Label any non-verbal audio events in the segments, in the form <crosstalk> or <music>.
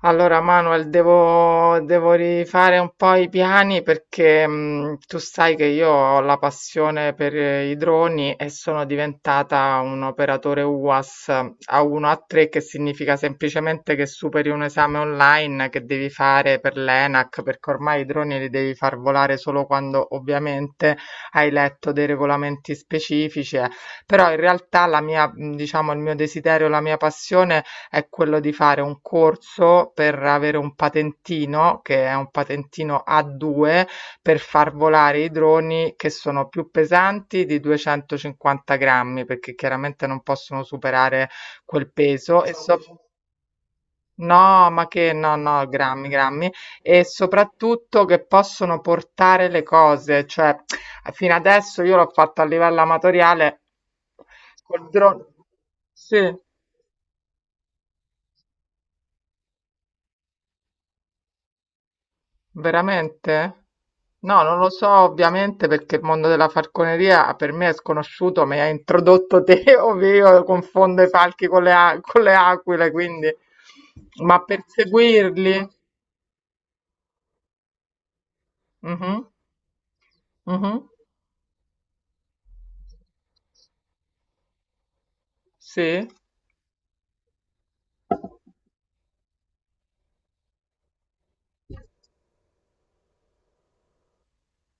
Allora Manuel, devo rifare un po' i piani perché tu sai che io ho la passione per i droni e sono diventata un operatore UAS a 1 a 3, che significa semplicemente che superi un esame online che devi fare per l'ENAC, perché ormai i droni li devi far volare solo quando ovviamente hai letto dei regolamenti specifici, eh. Però in realtà diciamo, il mio desiderio, la mia passione è quello di fare un corso per avere un patentino, che è un patentino A2, per far volare i droni che sono più pesanti di 250 grammi, perché chiaramente non possono superare quel peso e no, ma che no, no, grammi, grammi, e soprattutto che possono portare le cose, cioè fino adesso io l'ho fatto a livello amatoriale col drone. Sì. Veramente? No, non lo so ovviamente perché il mondo della falconeria per me è sconosciuto, mi hai introdotto te, <laughs> ovvero io confondo i falchi con con le aquile, quindi... Ma perseguirli? Mhm, mhm, sì.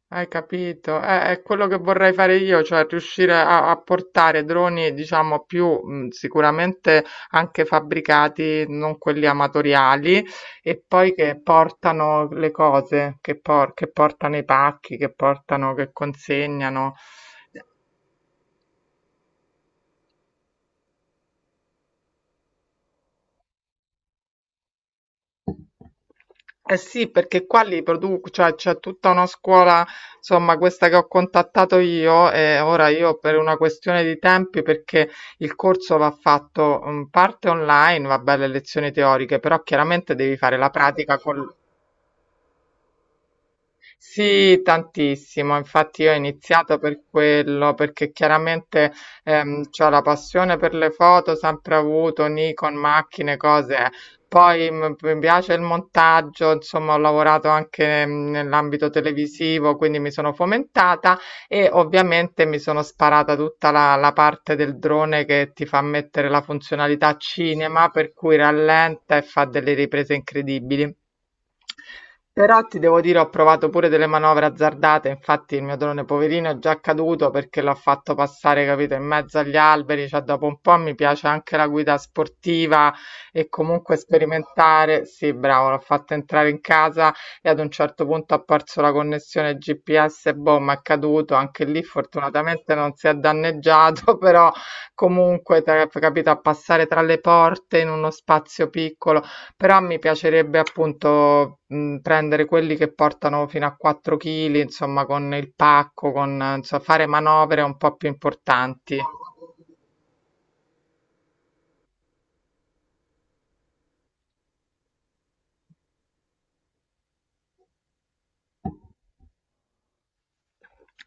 Hai capito? È quello che vorrei fare io, cioè riuscire a portare droni, diciamo, più sicuramente anche fabbricati, non quelli amatoriali, e poi che portano le cose, che portano i pacchi, che portano, che consegnano. Eh sì, perché qua li produco, cioè c'è tutta una scuola, insomma, questa che ho contattato io. E ora io, per una questione di tempi, perché il corso va fatto, parte online, vabbè, le lezioni teoriche, però chiaramente devi fare la pratica con... Sì, tantissimo, infatti io ho iniziato per quello, perché chiaramente c'ho la passione per le foto, sempre avuto, Nikon, macchine, cose. Poi mi piace il montaggio, insomma, ho lavorato anche nell'ambito televisivo, quindi mi sono fomentata e ovviamente mi sono sparata tutta la parte del drone che ti fa mettere la funzionalità cinema, per cui rallenta e fa delle riprese incredibili. Però ti devo dire, ho provato pure delle manovre azzardate, infatti il mio drone poverino è già caduto perché l'ho fatto passare, capito, in mezzo agli alberi, cioè dopo un po' mi piace anche la guida sportiva e comunque sperimentare. Sì, bravo, l'ho fatto entrare in casa e ad un certo punto ha perso la connessione GPS, boh, ma è caduto, anche lì fortunatamente non si è danneggiato, <laughs> però comunque, capito, a passare tra le porte in uno spazio piccolo, però mi piacerebbe appunto prendere quelli che portano fino a 4 kg, insomma, con il pacco, con insomma, fare manovre un po' più importanti.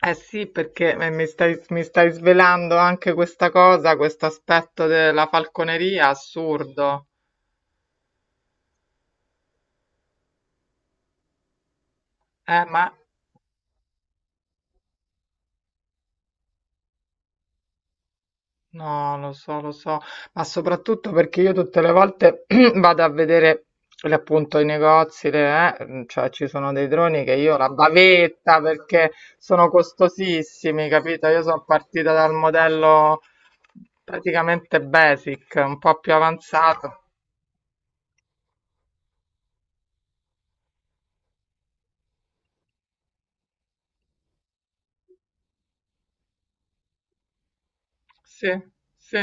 Eh sì, perché mi stai svelando anche questa cosa, questo aspetto della falconeria assurdo. Ma no, lo so, ma soprattutto perché io tutte le volte <clears throat> vado a vedere appunto i negozi, cioè ci sono dei droni che io la bavetta perché sono costosissimi, capito? Io sono partita dal modello praticamente basic, un po' più avanzato. Sì, sì,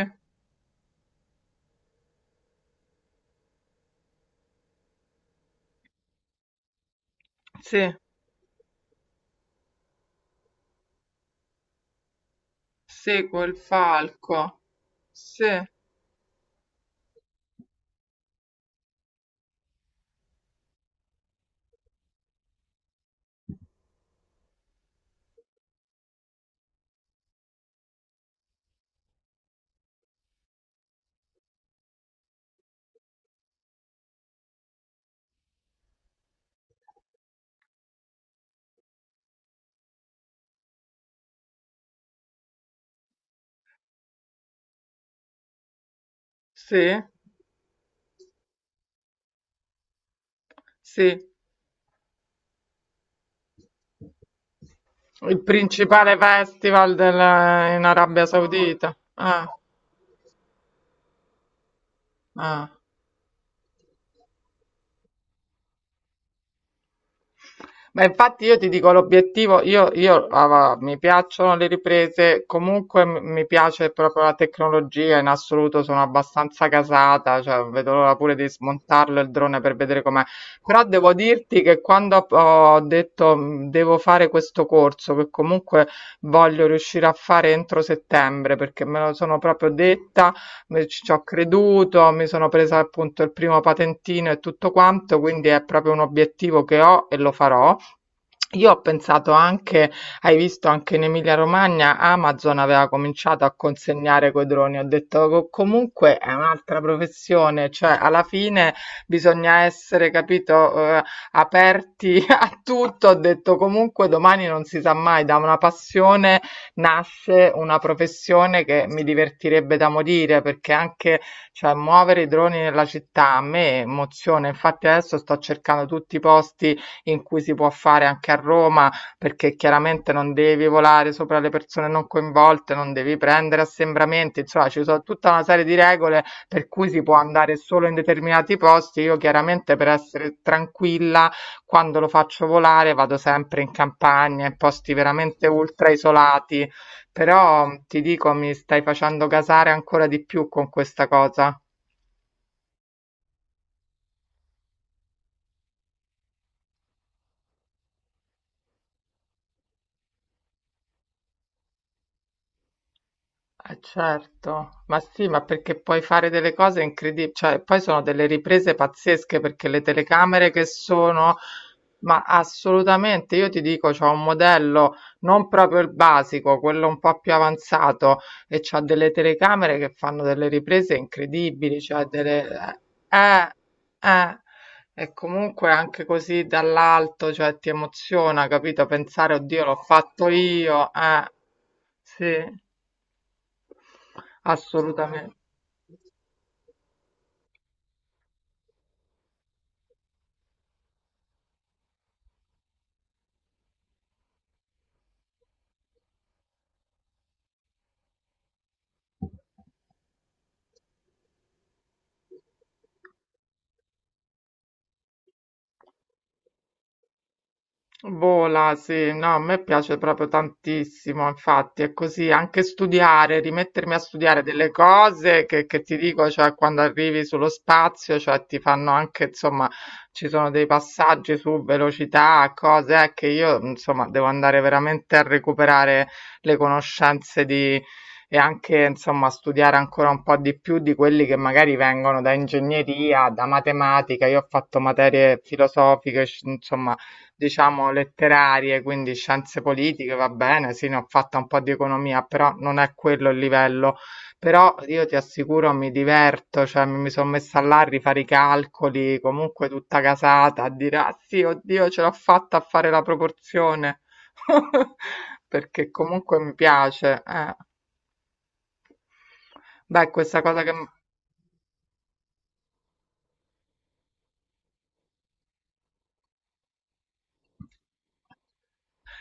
sì, seguo il falco. Sì, sì, sì. Il principale festival in Arabia Saudita. Ah, ah. Ma infatti io ti dico l'obiettivo, mi piacciono le riprese, comunque mi piace proprio la tecnologia, in assoluto sono abbastanza casata, cioè vedo l'ora pure di smontarlo il drone per vedere com'è. Però devo dirti che quando ho detto devo fare questo corso, che comunque voglio riuscire a fare entro settembre, perché me lo sono proprio detta, ci ho creduto, mi sono presa appunto il primo patentino e tutto quanto, quindi è proprio un obiettivo che ho e lo farò. Io ho pensato anche, hai visto anche in Emilia Romagna Amazon aveva cominciato a consegnare coi droni, ho detto comunque è un'altra professione, cioè alla fine bisogna essere, capito, aperti <laughs> a tutto", ho detto comunque domani non si sa mai, da una passione nasce una professione che mi divertirebbe da morire, perché anche, cioè, muovere i droni nella città a me emoziona, infatti adesso sto cercando tutti i posti in cui si può fare anche a Roma, perché chiaramente non devi volare sopra le persone non coinvolte, non devi prendere assembramenti, insomma ci sono tutta una serie di regole per cui si può andare solo in determinati posti. Io chiaramente, per essere tranquilla, quando lo faccio volare vado sempre in campagna, in posti veramente ultra isolati, però ti dico mi stai facendo gasare ancora di più con questa cosa. Eh certo, ma sì, ma perché puoi fare delle cose incredibili, cioè poi sono delle riprese pazzesche perché le telecamere che sono, ma assolutamente, io ti dico, c'ho un modello non proprio il basico, quello un po' più avanzato e c'ha delle telecamere che fanno delle riprese incredibili, cioè delle... Eh, eh, eh. E comunque anche così dall'alto, cioè ti emoziona, capito? Pensare, oddio, l'ho fatto io, sì, assolutamente. Vola, sì, no, a me piace proprio tantissimo, infatti è così, anche studiare, rimettermi a studiare delle cose che ti dico, cioè quando arrivi sullo spazio, cioè ti fanno anche, insomma, ci sono dei passaggi su velocità, cose che io, insomma, devo andare veramente a recuperare le conoscenze di... E anche, insomma, studiare ancora un po' di più di quelli che magari vengono da ingegneria, da matematica. Io ho fatto materie filosofiche, insomma, diciamo, letterarie, quindi scienze politiche, va bene, sì, ne ho fatta un po' di economia, però non è quello il livello. Però io ti assicuro mi diverto, cioè mi sono messa là a rifare i calcoli, comunque tutta casata, a dire, ah sì, oddio, ce l'ho fatta a fare la proporzione, <laughs> perché comunque mi piace. Beh, questa cosa che...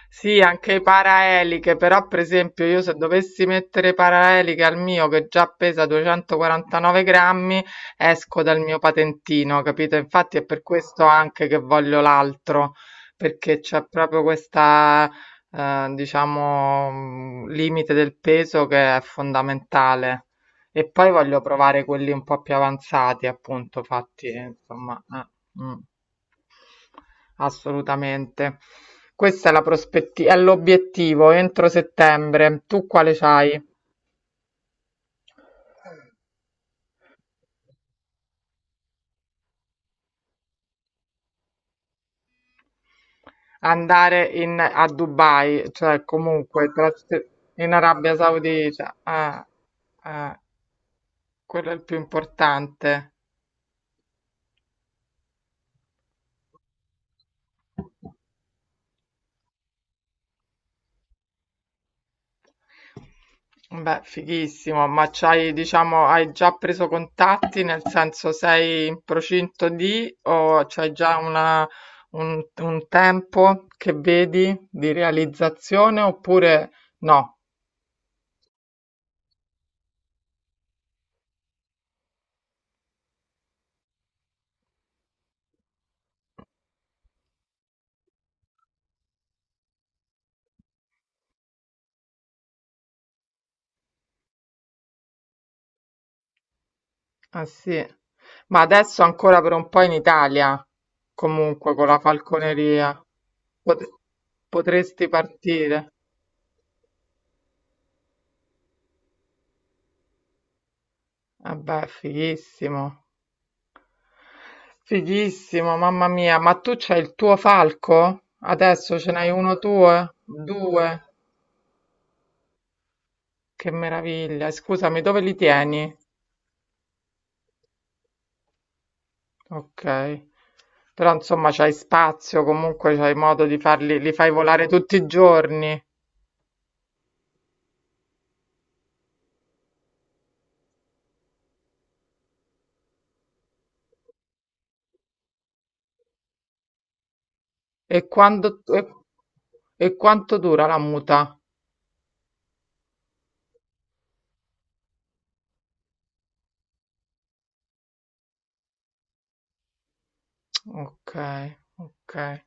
Sì, anche i paraeliche, però per esempio io se dovessi mettere paraeliche al mio che già pesa 249 grammi, esco dal mio patentino, capito? Infatti è per questo anche che voglio l'altro, perché c'è proprio questa, diciamo, limite del peso che è fondamentale. E poi voglio provare quelli un po' più avanzati, appunto, fatti, insomma. mm. Assolutamente. Questa è la prospettiva, è l'obiettivo entro settembre. Tu quale c'hai? Andare in, a Dubai, cioè comunque in Arabia Saudita, eh, quello è il più importante. Beh, fighissimo, ma c'hai, diciamo, hai già preso contatti, nel senso sei in procinto di o c'hai già una, un tempo che vedi di realizzazione oppure no? Ah sì, ma adesso ancora per un po' in Italia, comunque con la falconeria, Pot- potresti partire? Eh beh, fighissimo. Fighissimo, mamma mia, ma tu c'hai il tuo falco? Adesso ce n'hai uno tuo? Due? Che meraviglia. E scusami, dove li tieni? Ok. Però insomma c'hai spazio, comunque c'hai modo di farli, li fai volare tutti i giorni. E quando, e quanto dura la muta? Okay, okay.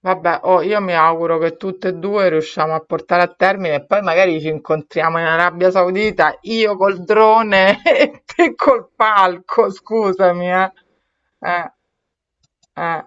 Vabbè, oh, io mi auguro che tutte e due riusciamo a portare a termine e poi magari ci incontriamo in Arabia Saudita, io col drone <laughs> e te col palco, scusami, eh. Eh, eh.